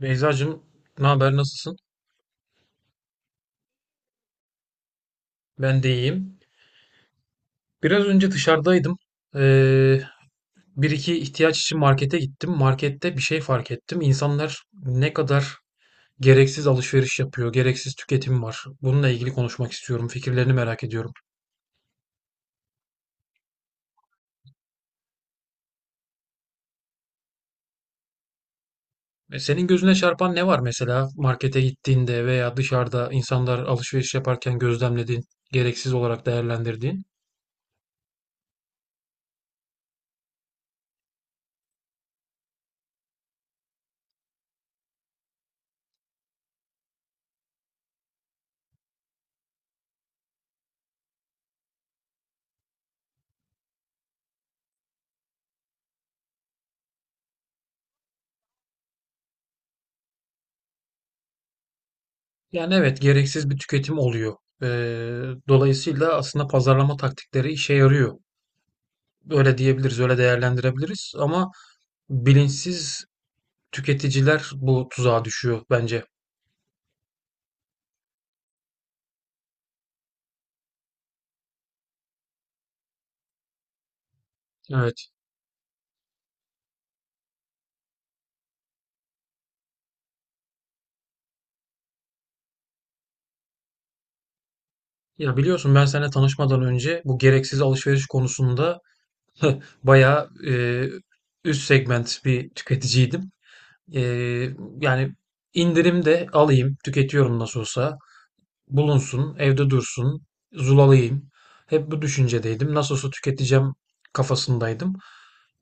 Beyzacığım, ne haber, nasılsın? Ben de iyiyim. Biraz önce dışarıdaydım. Ee, bir iki ihtiyaç için markete gittim. Markette bir şey fark ettim. İnsanlar ne kadar gereksiz alışveriş yapıyor, gereksiz tüketim var. Bununla ilgili konuşmak istiyorum. Fikirlerini merak ediyorum. Senin gözüne çarpan ne var mesela markete gittiğinde veya dışarıda insanlar alışveriş yaparken gözlemlediğin, gereksiz olarak değerlendirdiğin? Yani evet, gereksiz bir tüketim oluyor. E, dolayısıyla aslında pazarlama taktikleri işe yarıyor. Öyle diyebiliriz, öyle değerlendirebiliriz, ama bilinçsiz tüketiciler bu tuzağa düşüyor bence. Evet. Ya, biliyorsun, ben seninle tanışmadan önce bu gereksiz alışveriş konusunda bayağı üst segment bir tüketiciydim. Eee, yani indirim de alayım, tüketiyorum nasıl olsa, bulunsun, evde dursun, zulalayayım. Hep bu düşüncedeydim. Nasıl olsa tüketeceğim kafasındaydım.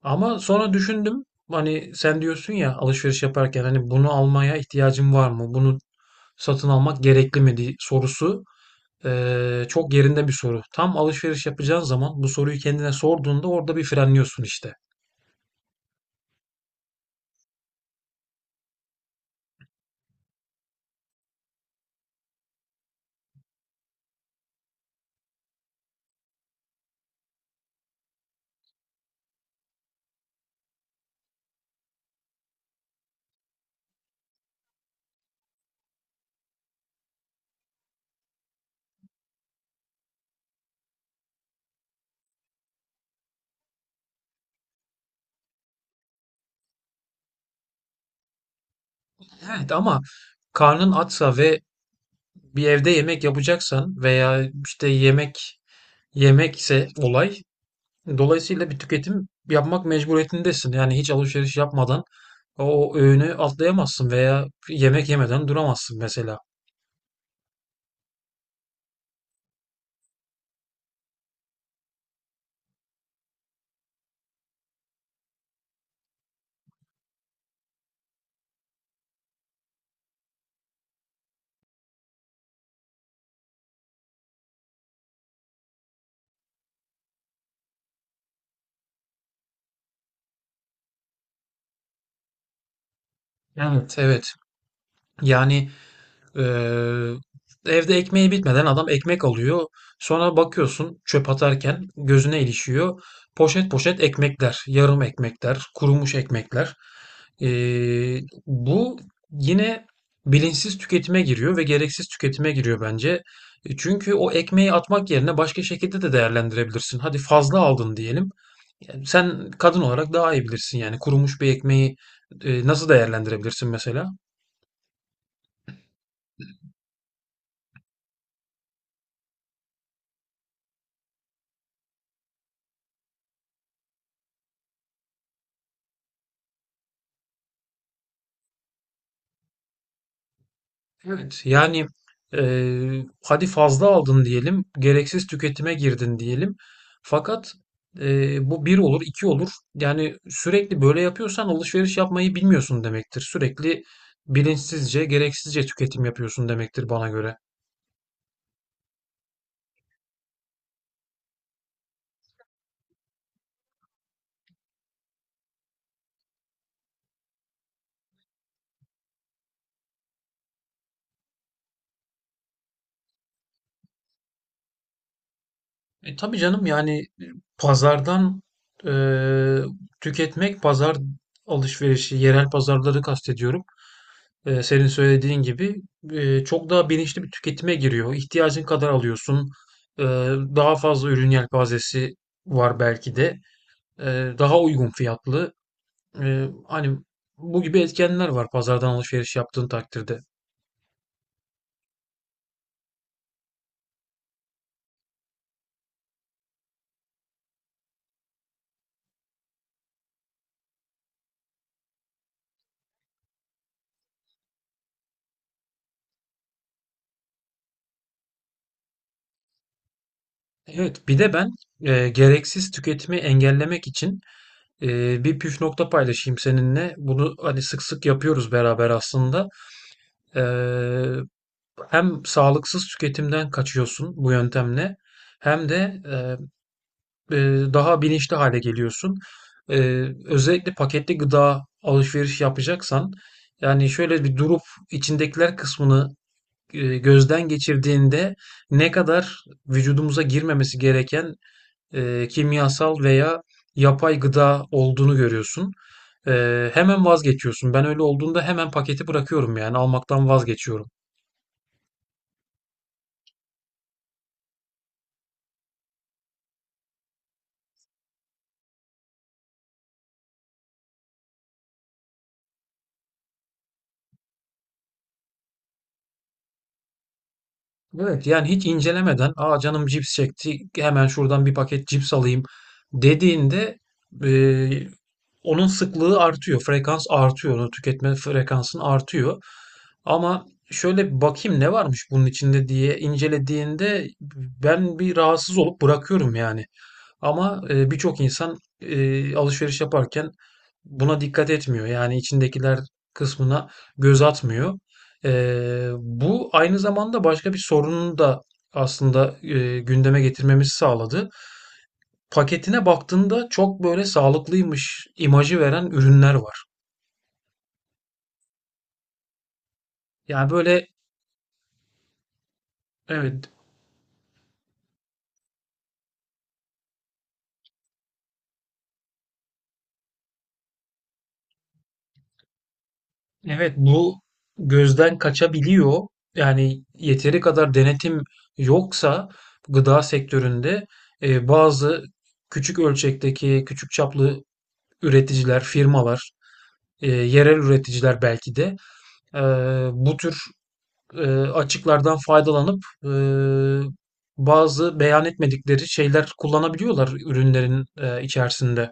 Ama sonra düşündüm, hani, sen diyorsun ya alışveriş yaparken, hani, bunu almaya ihtiyacım var mı? Bunu satın almak gerekli mi diye sorusu çok yerinde bir soru. Tam alışveriş yapacağın zaman bu soruyu kendine sorduğunda orada bir frenliyorsun işte. Evet, ama karnın açsa ve bir evde yemek yapacaksan veya işte yemek yemekse olay, dolayısıyla bir tüketim yapmak mecburiyetindesin. Yani hiç alışveriş yapmadan o öğünü atlayamazsın veya yemek yemeden duramazsın mesela. Evet, evet. Yani. Ee, evde ekmeği bitmeden adam ekmek alıyor. Sonra bakıyorsun, çöp atarken gözüne ilişiyor. Poşet poşet ekmekler, yarım ekmekler, kurumuş ekmekler. Ee, bu yine bilinçsiz tüketime giriyor ve gereksiz tüketime giriyor bence. Çünkü o ekmeği atmak yerine başka şekilde de değerlendirebilirsin. Hadi fazla aldın diyelim. Yani sen kadın olarak daha iyi bilirsin, yani kurumuş bir ekmeği nasıl değerlendirebilirsin mesela? Evet, yani hadi fazla aldın diyelim, gereksiz tüketime girdin diyelim. Fakat bu bir olur, iki olur. Yani sürekli böyle yapıyorsan alışveriş yapmayı bilmiyorsun demektir. Sürekli bilinçsizce, gereksizce tüketim yapıyorsun demektir bana göre. Tabii canım, yani pazardan e, tüketmek, pazar alışverişi, yerel pazarları kastediyorum. Senin söylediğin gibi çok daha bilinçli bir tüketime giriyor. İhtiyacın kadar alıyorsun. E, daha fazla ürün yelpazesi var belki de. Daha uygun fiyatlı. Hani bu gibi etkenler var pazardan alışveriş yaptığın takdirde. Evet, bir de ben gereksiz tüketimi engellemek için bir püf nokta paylaşayım seninle. Bunu, hani, sık sık yapıyoruz beraber aslında. E, hem sağlıksız tüketimden kaçıyorsun bu yöntemle, hem de e, e, daha bilinçli hale geliyorsun. E, özellikle paketli gıda alışveriş yapacaksan, yani şöyle bir durup içindekiler kısmını gözden geçirdiğinde ne kadar vücudumuza girmemesi gereken kimyasal veya yapay gıda olduğunu görüyorsun. Hemen vazgeçiyorsun. Ben öyle olduğunda hemen paketi bırakıyorum, yani almaktan vazgeçiyorum. Evet, yani hiç incelemeden, aa, canım cips çekti, hemen şuradan bir paket cips alayım dediğinde eee, onun sıklığı artıyor. Frekans artıyor. Onu tüketme frekansın artıyor. Ama şöyle bir bakayım ne varmış bunun içinde diye incelediğinde, ben bir rahatsız olup bırakıyorum yani. Ama birçok insan alışveriş yaparken buna dikkat etmiyor. Yani içindekiler kısmına göz atmıyor. Bu aynı zamanda başka bir sorunu da aslında gündeme getirmemizi sağladı. Paketine baktığında çok böyle sağlıklıymış imajı veren ürünler var. Yani böyle, evet. Evet, bu gözden kaçabiliyor. Yani yeteri kadar denetim yoksa gıda sektöründe bazı küçük ölçekteki, küçük çaplı üreticiler, firmalar, yerel üreticiler belki de e, bu tür açıklardan faydalanıp bazı beyan etmedikleri şeyler kullanabiliyorlar ürünlerin içerisinde.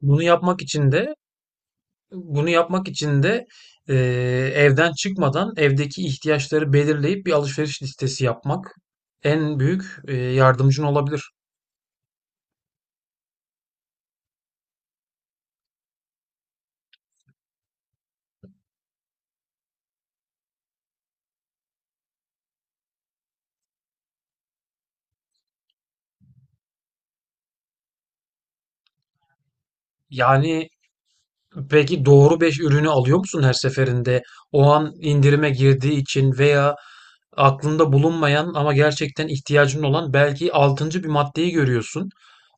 Bunu yapmak için de bunu yapmak için de eee, evden çıkmadan evdeki ihtiyaçları belirleyip bir alışveriş listesi yapmak en büyük yardımcın olabilir. Yani. Peki doğru 5 ürünü alıyor musun her seferinde? O an indirime girdiği için veya aklında bulunmayan ama gerçekten ihtiyacın olan belki altıncı bir maddeyi görüyorsun.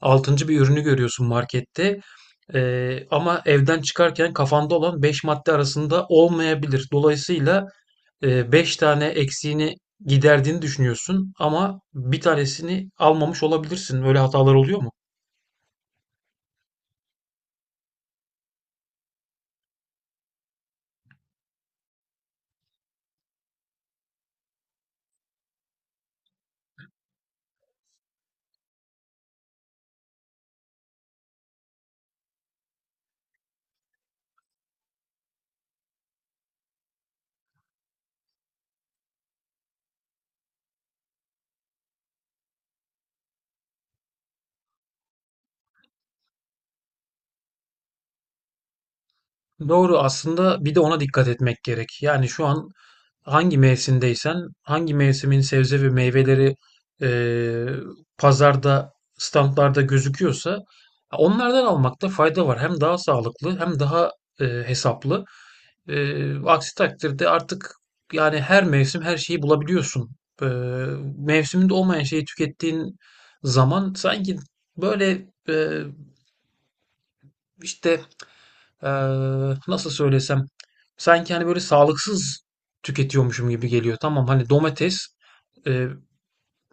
Altıncı bir ürünü görüyorsun markette. Ama evden çıkarken kafanda olan 5 madde arasında olmayabilir. Dolayısıyla 5 tane eksiğini giderdiğini düşünüyorsun, ama bir tanesini almamış olabilirsin. Öyle hatalar oluyor mu? Doğru, aslında bir de ona dikkat etmek gerek. Yani şu an hangi mevsimdeysen, hangi mevsimin sebze ve meyveleri eee, pazarda, standlarda gözüküyorsa onlardan almakta fayda var. Hem daha sağlıklı, hem daha hesaplı. Aksi takdirde artık yani her mevsim her şeyi bulabiliyorsun. Eee, mevsiminde olmayan şeyi tükettiğin zaman sanki böyle işte nasıl söylesem, sanki hani böyle sağlıksız tüketiyormuşum gibi geliyor. Tamam, hani domates e,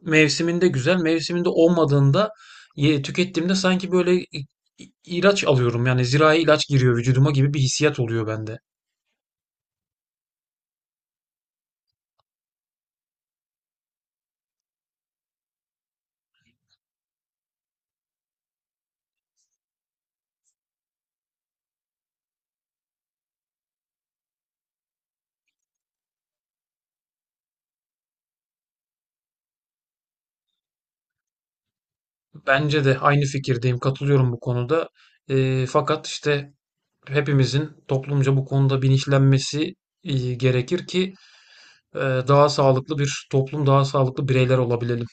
mevsiminde güzel, mevsiminde olmadığında tükettiğimde sanki böyle ilaç alıyorum. Yani zirai ilaç giriyor vücuduma gibi bir hissiyat oluyor bende. Bence de aynı fikirdeyim, katılıyorum bu konuda. Fakat işte hepimizin toplumca bu konuda bilinçlenmesi gerekir ki daha sağlıklı bir toplum, daha sağlıklı bireyler olabilelim.